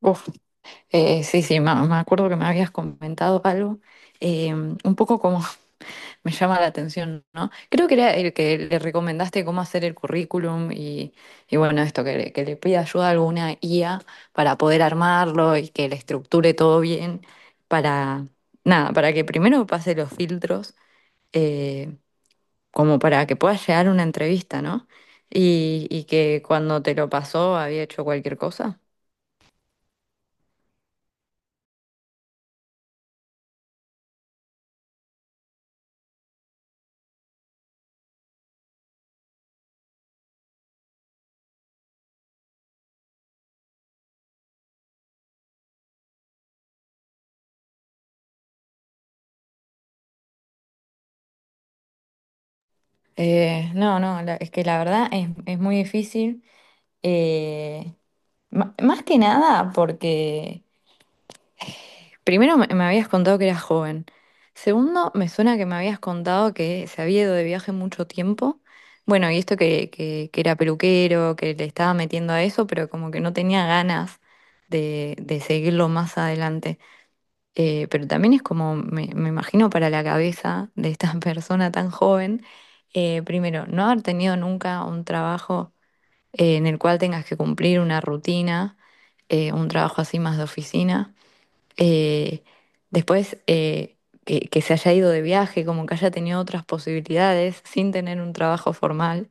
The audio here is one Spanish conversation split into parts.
Uf, sí, sí, me acuerdo que me habías comentado algo. Un poco como me llama la atención, ¿no? Creo que era el que le recomendaste cómo hacer el currículum. Y bueno, esto, que le pida ayuda a alguna IA para poder armarlo y que le estructure todo bien, para, nada, para que primero pase los filtros, eh, como para que pueda llegar a una entrevista, ¿no? Y que cuando te lo pasó había hecho cualquier cosa. No, no, es que la verdad es muy difícil. eh, Más que nada porque, primero, me habías contado que eras joven. Segundo, me suena que me habías contado que se había ido de viaje mucho tiempo. Bueno, y esto que era peluquero, que le estaba metiendo a eso, pero como que no tenía ganas de seguirlo más adelante. Pero también es como, me imagino para la cabeza de esta persona tan joven. Primero, no haber tenido nunca un trabajo en el cual tengas que cumplir una rutina, un trabajo así más de oficina. Eh, Después, que se haya ido de viaje, como que haya tenido otras posibilidades sin tener un trabajo formal.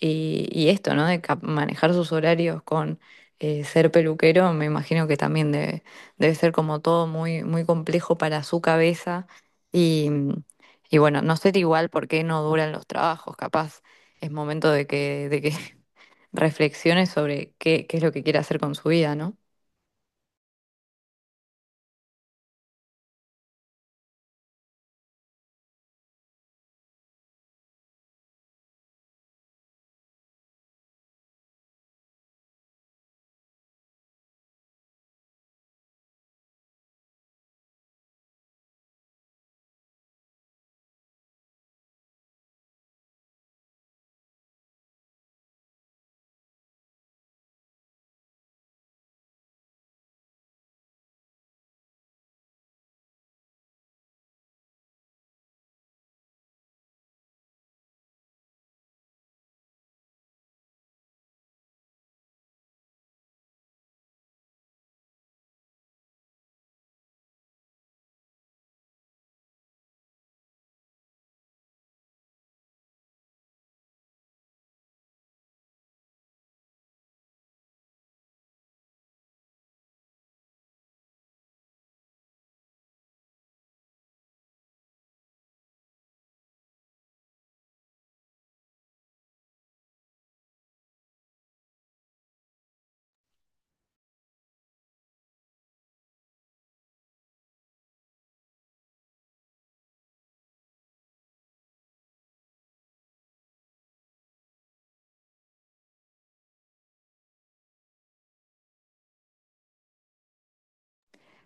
Y esto, ¿no? De manejar sus horarios con ser peluquero. Me imagino que también debe ser como todo muy, muy complejo para su cabeza. Y, y bueno, no sé igual por qué no duran los trabajos. Capaz es momento de que reflexione sobre qué es lo que quiere hacer con su vida, ¿no?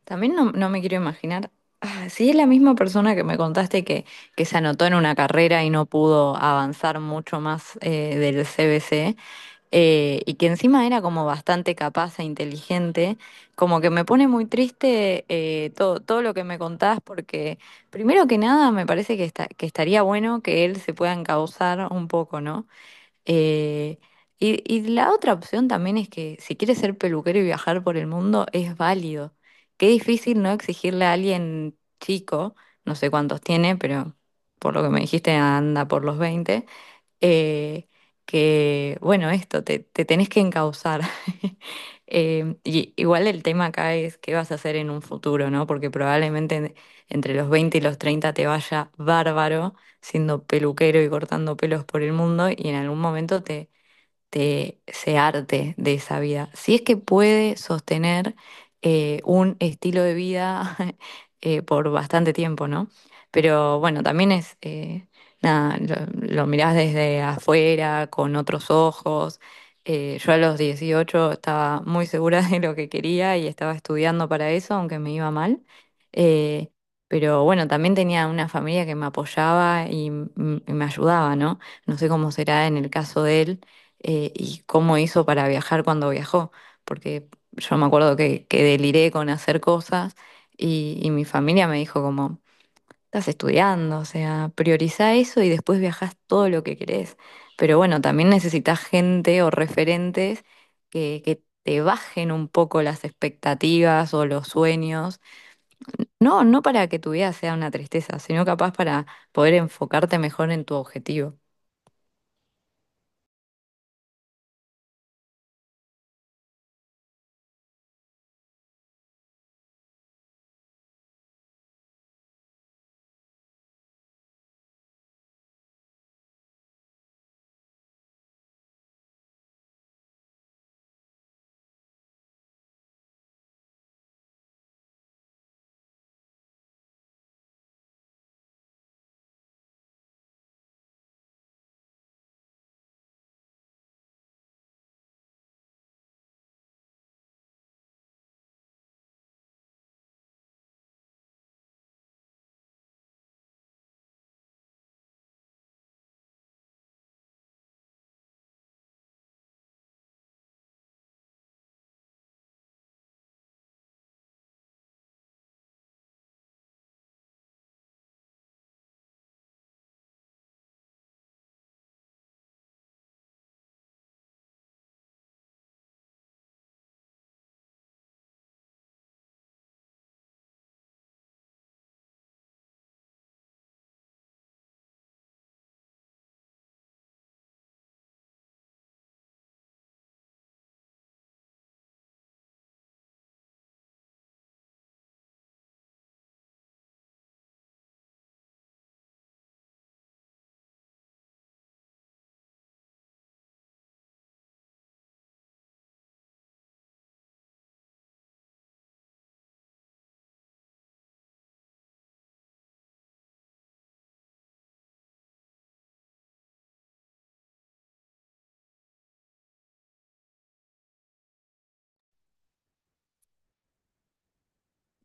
También no me quiero imaginar, ah, si es la misma persona que me contaste que se anotó en una carrera y no pudo avanzar mucho más del CBC, y que encima era como bastante capaz e inteligente. Como que me pone muy triste todo lo que me contás, porque primero que nada me parece que, que estaría bueno que él se pueda encauzar un poco, ¿no? Eh, y la otra opción también es que si quieres ser peluquero y viajar por el mundo, es válido. Qué difícil no exigirle a alguien chico. No sé cuántos tiene, pero por lo que me dijiste anda por los veinte, eh, que, bueno, esto, te tenés que encauzar. Y igual el tema acá es qué vas a hacer en un futuro, ¿no? Porque probablemente entre los 20 y los 30 te vaya bárbaro siendo peluquero y cortando pelos por el mundo, y en algún momento de ese arte, de esa vida. Si es que puede sostener un estilo de vida por bastante tiempo, ¿no? Pero bueno, también es, nada, lo mirás desde afuera, con otros ojos. Yo a los 18 estaba muy segura de lo que quería y estaba estudiando para eso, aunque me iba mal. Eh, pero bueno, también tenía una familia que me apoyaba y me ayudaba, ¿no? No sé cómo será en el caso de él, y cómo hizo para viajar cuando viajó, porque yo me acuerdo que deliré con hacer cosas, y mi familia me dijo como: estás estudiando, o sea, priorizá eso y después viajás todo lo que querés. Pero bueno, también necesitas gente o referentes que te bajen un poco las expectativas o los sueños. No, no para que tu vida sea una tristeza, sino capaz para poder enfocarte mejor en tu objetivo.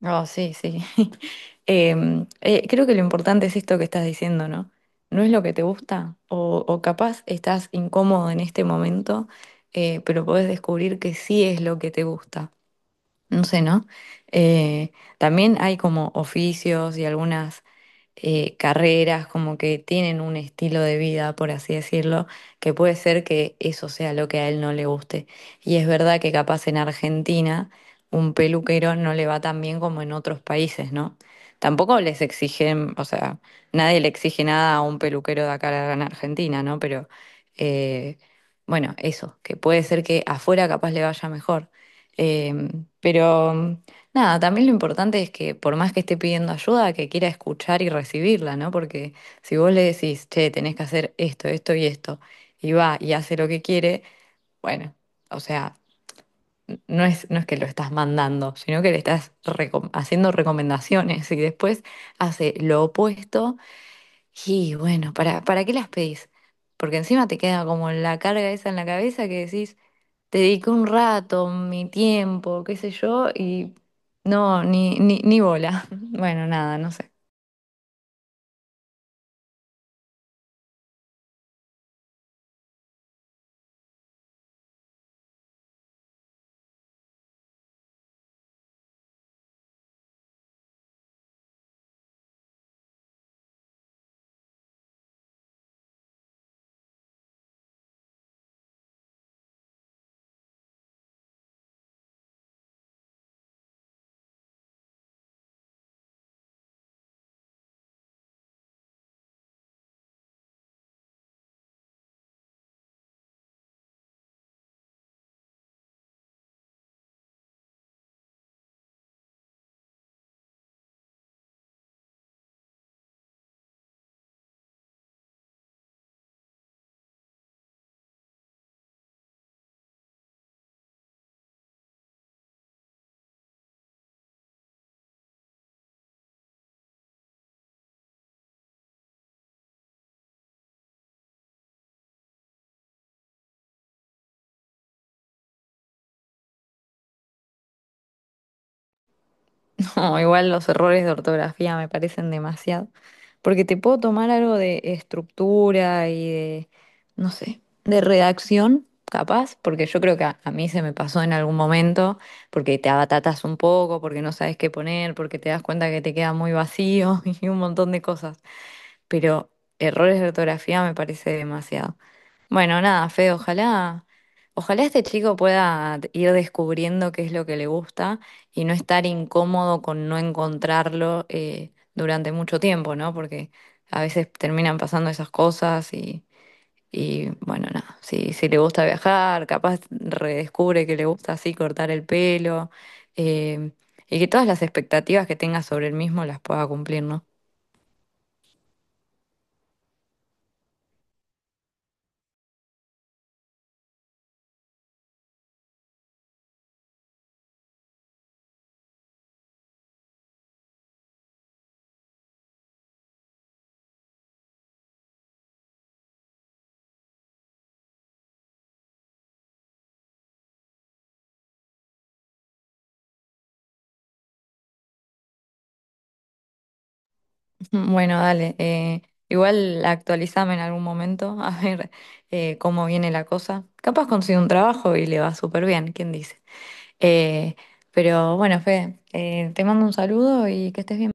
Oh, sí, sí. Creo que lo importante es esto que estás diciendo, ¿no? No es lo que te gusta, o capaz estás incómodo en este momento. Pero podés descubrir que sí es lo que te gusta. No sé, ¿no? Eh, También hay como oficios y algunas carreras, como que tienen un estilo de vida, por así decirlo, que puede ser que eso sea lo que a él no le guste. Y es verdad que capaz en Argentina un peluquero no le va tan bien como en otros países, ¿no? Tampoco les exigen, o sea, nadie le exige nada a un peluquero de acá en Argentina, ¿no? Pero eh, bueno, eso, que puede ser que afuera capaz le vaya mejor. Eh, pero Nada, también lo importante es que por más que esté pidiendo ayuda, que quiera escuchar y recibirla, ¿no? Porque si vos le decís: che, tenés que hacer esto, esto y esto, y va y hace lo que quiere. Bueno, o sea, no es que lo estás mandando, sino que le estás haciendo recomendaciones, y después hace lo opuesto. Y bueno, ¿para qué las pedís? Porque encima te queda como la carga esa en la cabeza, que decís: dediqué un rato, mi tiempo, qué sé yo, y no, ni bola. Bueno, nada, no sé. No, igual los errores de ortografía me parecen demasiado. Porque te puedo tomar algo de estructura y de, no sé, de redacción, capaz, porque yo creo que a mí se me pasó en algún momento, porque te abatatas un poco, porque no sabes qué poner, porque te das cuenta que te queda muy vacío y un montón de cosas. Pero errores de ortografía me parece demasiado. Bueno, nada, Fe, ojalá, ojalá este chico pueda ir descubriendo qué es lo que le gusta y no estar incómodo con no encontrarlo durante mucho tiempo, ¿no? Porque a veces terminan pasando esas cosas. Y bueno, nada, si le gusta viajar, capaz redescubre que le gusta así cortar el pelo. eh, y que todas las expectativas que tenga sobre él mismo las pueda cumplir, ¿no? Mm. Bueno, dale. Igual actualizame en algún momento a ver cómo viene la cosa. Capaz consigo un trabajo y le va súper bien, ¿quién dice? Eh, pero bueno, Fe, te mando un saludo y que estés bien.